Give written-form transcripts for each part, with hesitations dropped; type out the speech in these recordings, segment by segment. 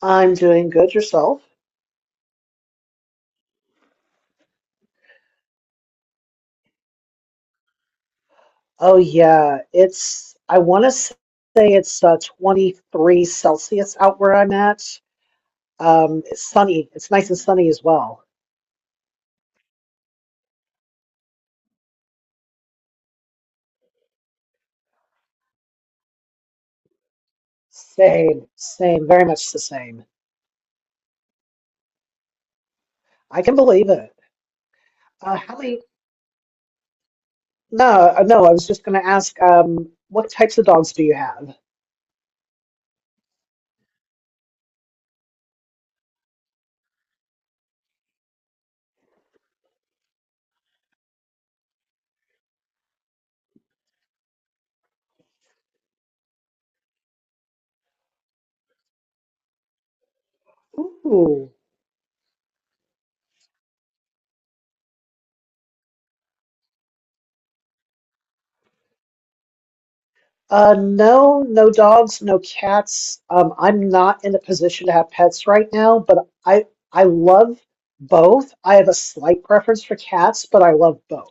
I'm doing good yourself. Oh yeah, it's I want to say it's 23 Celsius out where I'm at. It's sunny. It's nice and sunny as well. Same, very much the same. I can believe it. How many? No, no. I was just going to ask, what types of dogs do you have? Ooh. No, no dogs, no cats. I'm not in a position to have pets right now, but I I love both. I have a slight preference for cats, but I love both.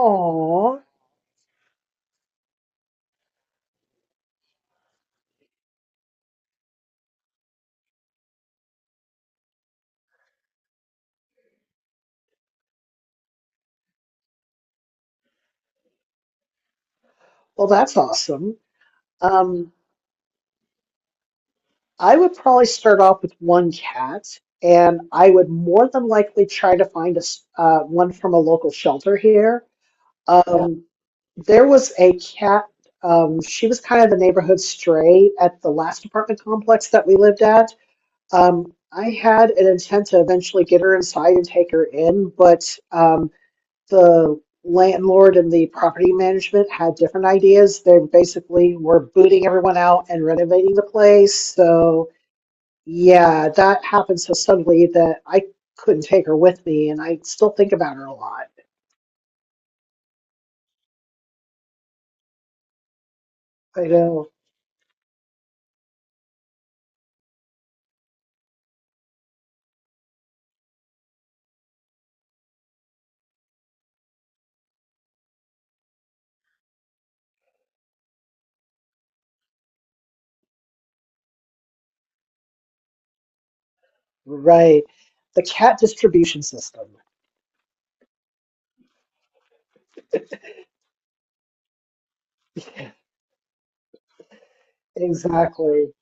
Aw, well, that's awesome. Um, I would probably start off with one cat, and I would more than likely try to find one from a local shelter here. Um, there was a cat. She was kind of the neighborhood stray at the last apartment complex that we lived at. I had an intent to eventually get her inside and take her in, but um, the landlord and the property management had different ideas. They basically were booting everyone out and renovating the place. So, yeah, that happened so suddenly that I couldn't take her with me, and I still think about her a lot. I know, right. The cat distribution system. Exactly.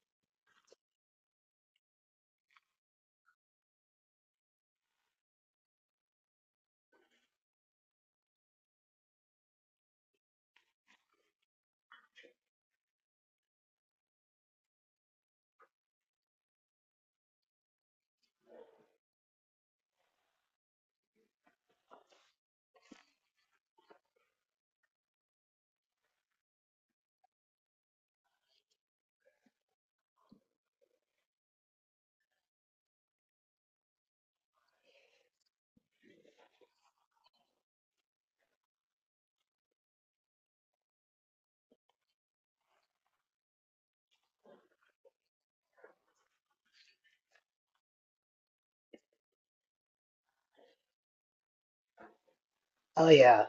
Oh, yeah.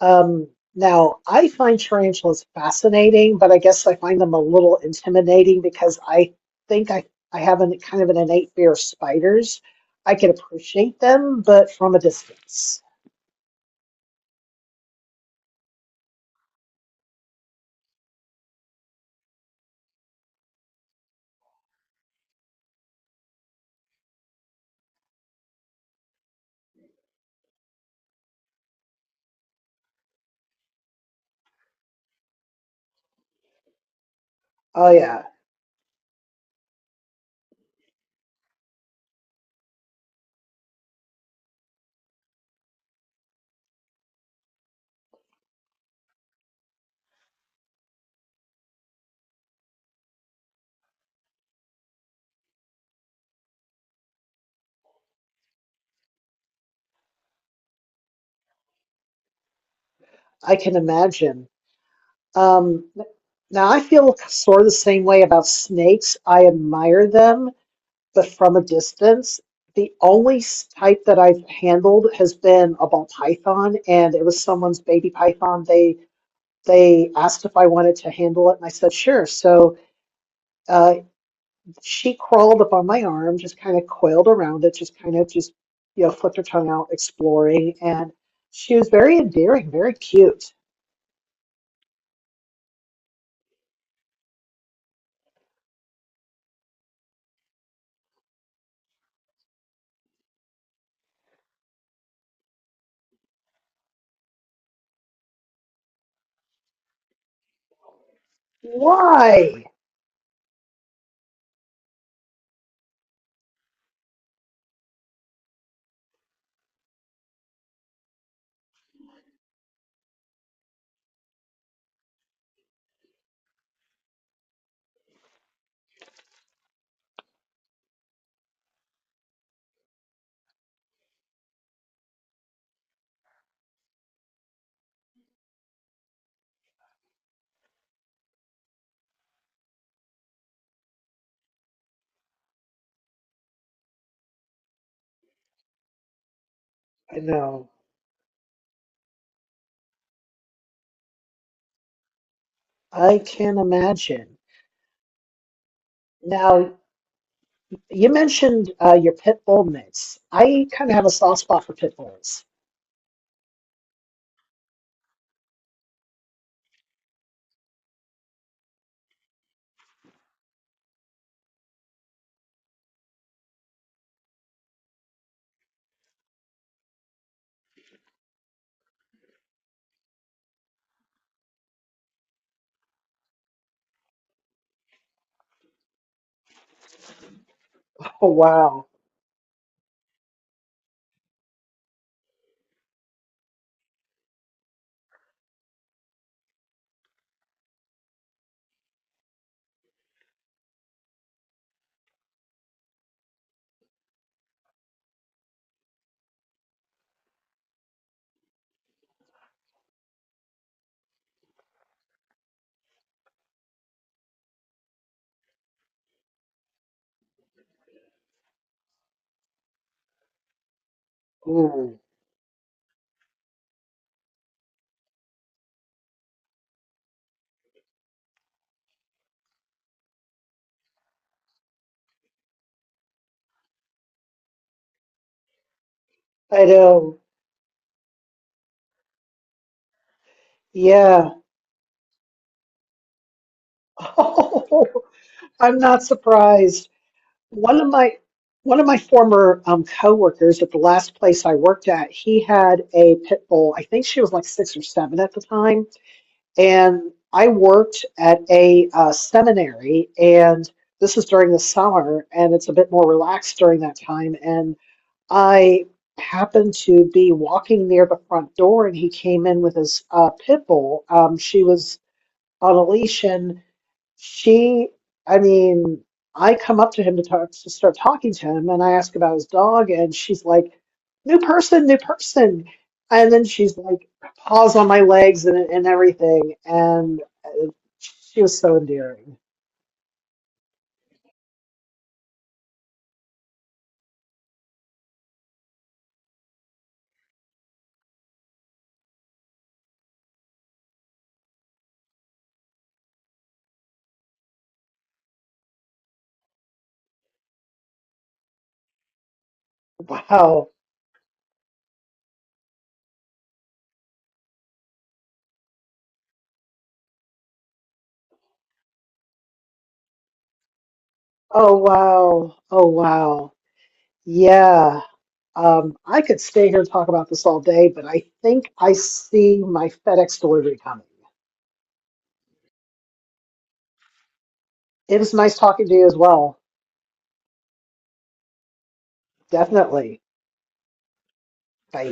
Um, Now, I find tarantulas fascinating, but I guess I find them a little intimidating because think I, I have an kind of an innate fear of spiders. I can appreciate them, but from a distance. Oh, yeah, I can imagine. Um, Now, I feel sort of the same way about snakes. I admire them, but from a distance. The only type that I've handled has been a ball python, and it was someone's baby python. They asked if I wanted to handle it, and I said, sure. So uh, she crawled up on my arm, just kind of coiled around it, just kind of just, you know, flipped her tongue out, exploring. And she was very endearing, very cute. Why? I know. I can imagine. Now, you mentioned your pit bull mix. I kind of have a soft spot for pit bulls. Oh, wow. Ooh, I know. Yeah. Oh, I'm not surprised. One of my one of my former coworkers at the last place I worked at, he had a pit bull. I think she was like six or seven at the time. And I worked at a seminary, and this is during the summer, and it's a bit more relaxed during that time. And I happened to be walking near the front door, and he came in with his pit bull. She was on a leash, and she, I mean, I come up to him to talk to start talking to him, and I ask about his dog, and she's like, new person," and then she's like, paws on my legs and everything, and she was so endearing. Wow. Oh wow. Oh wow. Yeah. I could stay here and talk about this all day, but I think I see my FedEx delivery coming. It was nice talking to you as well. Definitely. Bye.